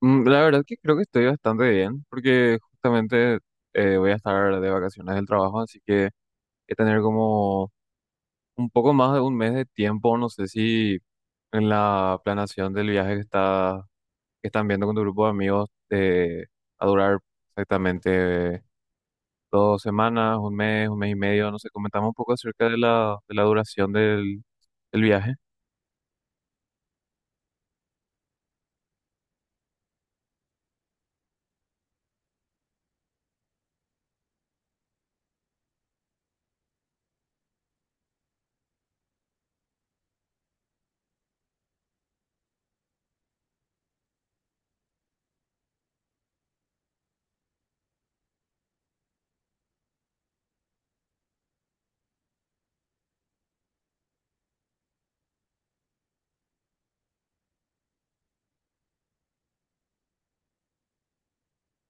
La verdad que creo que estoy bastante bien, porque justamente voy a estar de vacaciones del trabajo, así que he tener como un poco más de un mes de tiempo, no sé si en la planeación del viaje que están viendo con tu grupo de amigos a durar exactamente 2 semanas, un mes y medio, no sé, comentamos un poco acerca de la duración del viaje.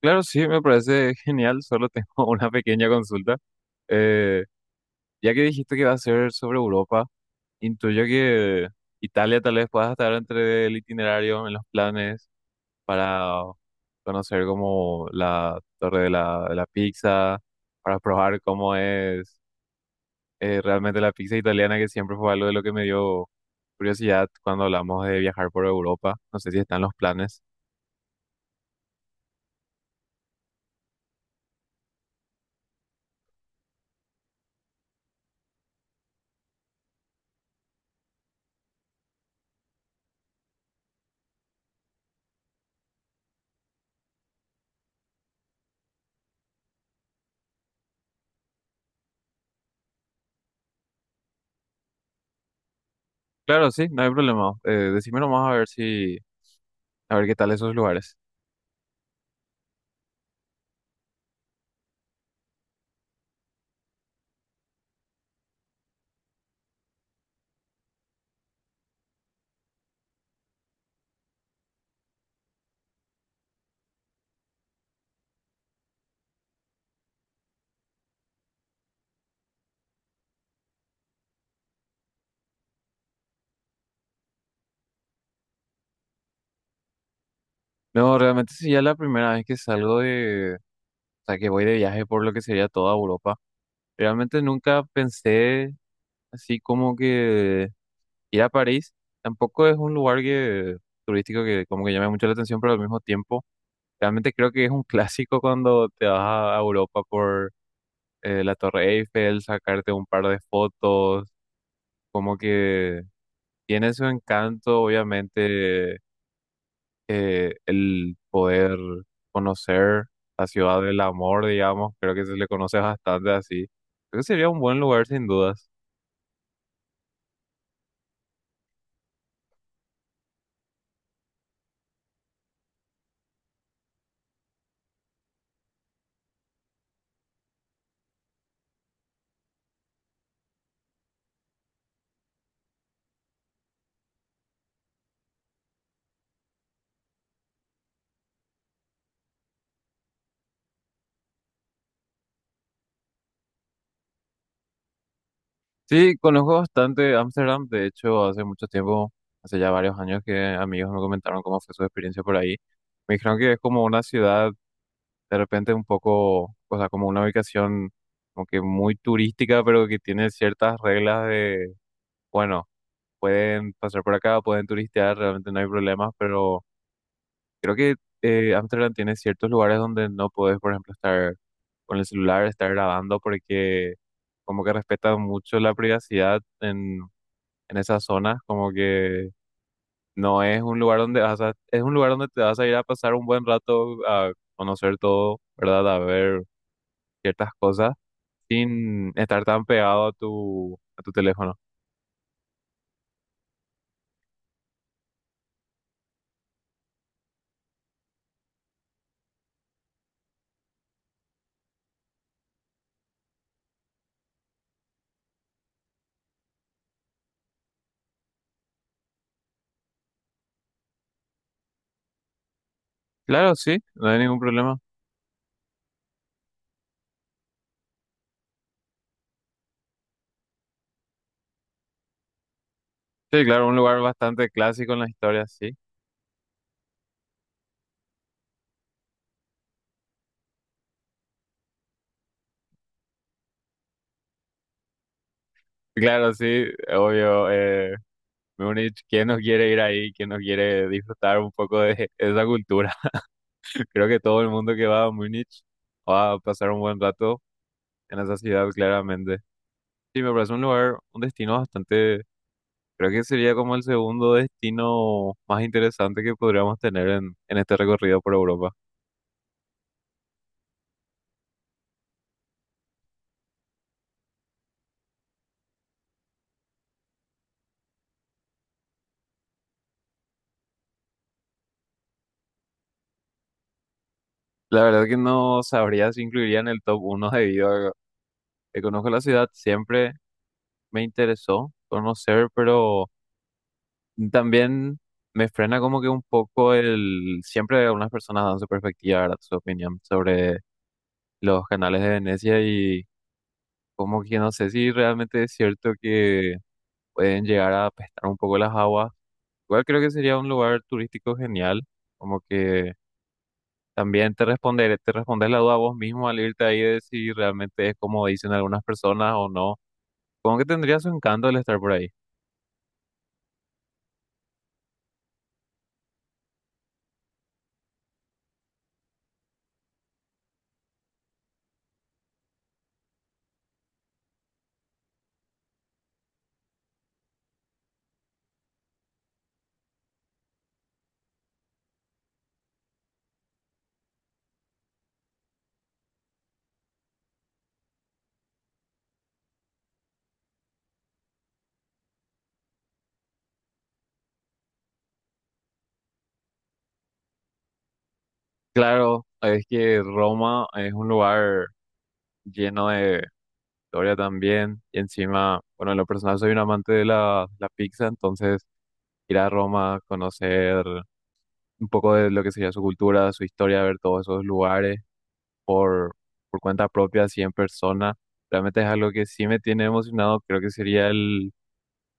Claro, sí, me parece genial, solo tengo una pequeña consulta. eh, Ya que dijiste que va a ser sobre Europa, intuyo que Italia tal vez pueda estar entre el itinerario en los planes para conocer como la torre de la pizza, para probar cómo es realmente la pizza italiana, que siempre fue algo de lo que me dio curiosidad cuando hablamos de viajar por Europa. No sé si están los planes. Claro, sí, no hay problema. Decime nomás a ver si, a ver qué tal esos lugares. No, realmente sí, ya la primera vez que salgo de o sea, que voy de viaje por lo que sería toda Europa. Realmente nunca pensé así como que ir a París. Tampoco es un lugar turístico que como que llame mucho la atención, pero al mismo tiempo realmente creo que es un clásico cuando te vas a Europa por la Torre Eiffel, sacarte un par de fotos, como que tiene su encanto, obviamente el poder conocer la ciudad del amor, digamos, creo que se le conoce bastante así. Creo que sería un buen lugar sin dudas. Sí, conozco bastante Ámsterdam, de hecho, hace mucho tiempo, hace ya varios años que amigos me comentaron cómo fue su experiencia por ahí. Me dijeron que es como una ciudad de repente un poco, o sea, como una ubicación como que muy turística, pero que tiene ciertas reglas de, bueno, pueden pasar por acá, pueden turistear, realmente no hay problemas, pero creo que Amsterdam tiene ciertos lugares donde no podés, por ejemplo, estar con el celular, estar grabando, porque como que respetan mucho la privacidad en esas zonas, como que no es un lugar donde vas a, es un lugar donde te vas a ir a pasar un buen rato a conocer todo, ¿verdad? A ver ciertas cosas sin estar tan pegado a tu teléfono. Claro, sí, no hay ningún problema. Sí, claro, un lugar bastante clásico en la historia, sí. Claro, sí, obvio. Mejor dicho, ¿quién no quiere ir ahí? ¿Quién no quiere disfrutar un poco de esa cultura? Creo que todo el mundo que va a Múnich va a pasar un buen rato en esa ciudad, claramente. Sí, me parece un lugar, un destino bastante, creo que sería como el segundo destino más interesante que podríamos tener en este recorrido por Europa. La verdad que no sabría si incluiría en el top uno debido a que conozco la ciudad, siempre me interesó conocer, pero... También me frena como que un poco el... Siempre algunas personas dan su perspectiva, ¿verdad? Su opinión sobre los canales de Venecia y como que no sé si realmente es cierto que pueden llegar a apestar un poco las aguas. Igual creo que sería un lugar turístico genial, como que también te responderé, te respondes la duda vos mismo al irte ahí de si realmente es como dicen algunas personas o no. Como que tendría su encanto el estar por ahí. Claro, es que Roma es un lugar lleno de historia también. Y encima, bueno, en lo personal soy un amante de la pizza, entonces ir a Roma, conocer un poco de lo que sería su cultura, su historia, ver todos esos lugares por, por cuenta propia, así en persona, realmente es algo que sí me tiene emocionado. Creo que sería el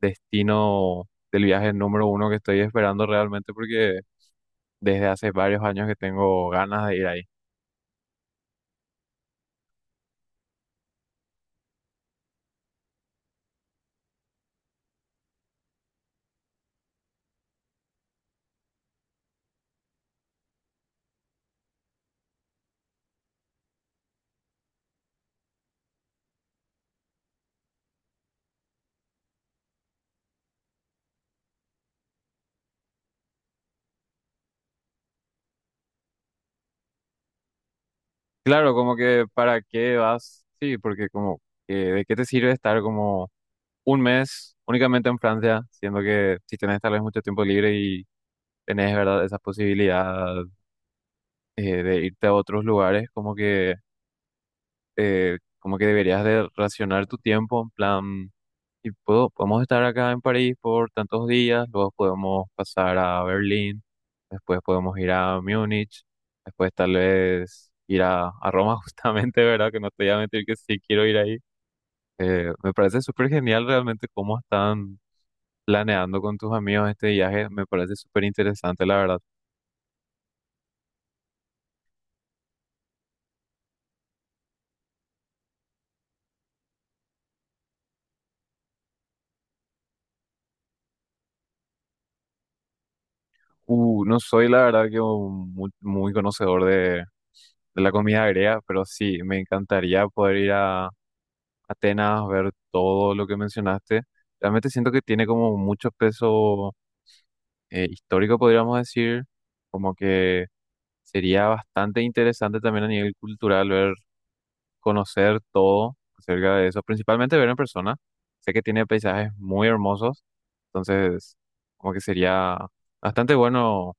destino del viaje número uno que estoy esperando realmente porque desde hace varios años que tengo ganas de ir ahí. Claro, como que para qué vas, sí, porque como que de qué te sirve estar como un mes únicamente en Francia, siendo que si tenés tal vez mucho tiempo libre y tenés, ¿verdad?, esa posibilidad de irte a otros lugares, como que deberías de racionar tu tiempo en plan, y podemos estar acá en París por tantos días, luego podemos pasar a Berlín, después podemos ir a Múnich, después tal vez ir a Roma justamente, ¿verdad?, que no te voy a mentir que sí quiero ir ahí. Me parece súper genial realmente cómo están planeando con tus amigos este viaje. Me parece súper interesante, la verdad. No soy, la verdad, que un muy, muy conocedor de la comida griega, pero sí, me encantaría poder ir a Atenas, ver todo lo que mencionaste. Realmente siento que tiene como mucho peso histórico, podríamos decir, como que sería bastante interesante también a nivel cultural ver conocer todo acerca de eso, principalmente ver en persona. Sé que tiene paisajes muy hermosos, entonces como que sería bastante bueno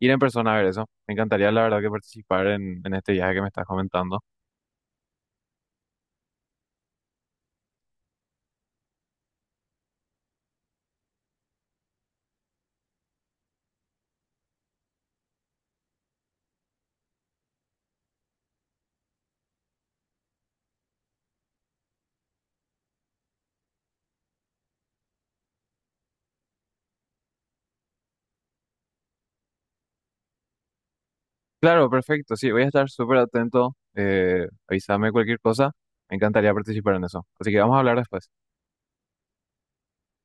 ir en persona a ver eso. Me encantaría, la verdad, que participar en este viaje que me estás comentando. Claro, perfecto, sí, voy a estar súper atento. Avísame cualquier cosa. Me encantaría participar en eso. Así que vamos a hablar después.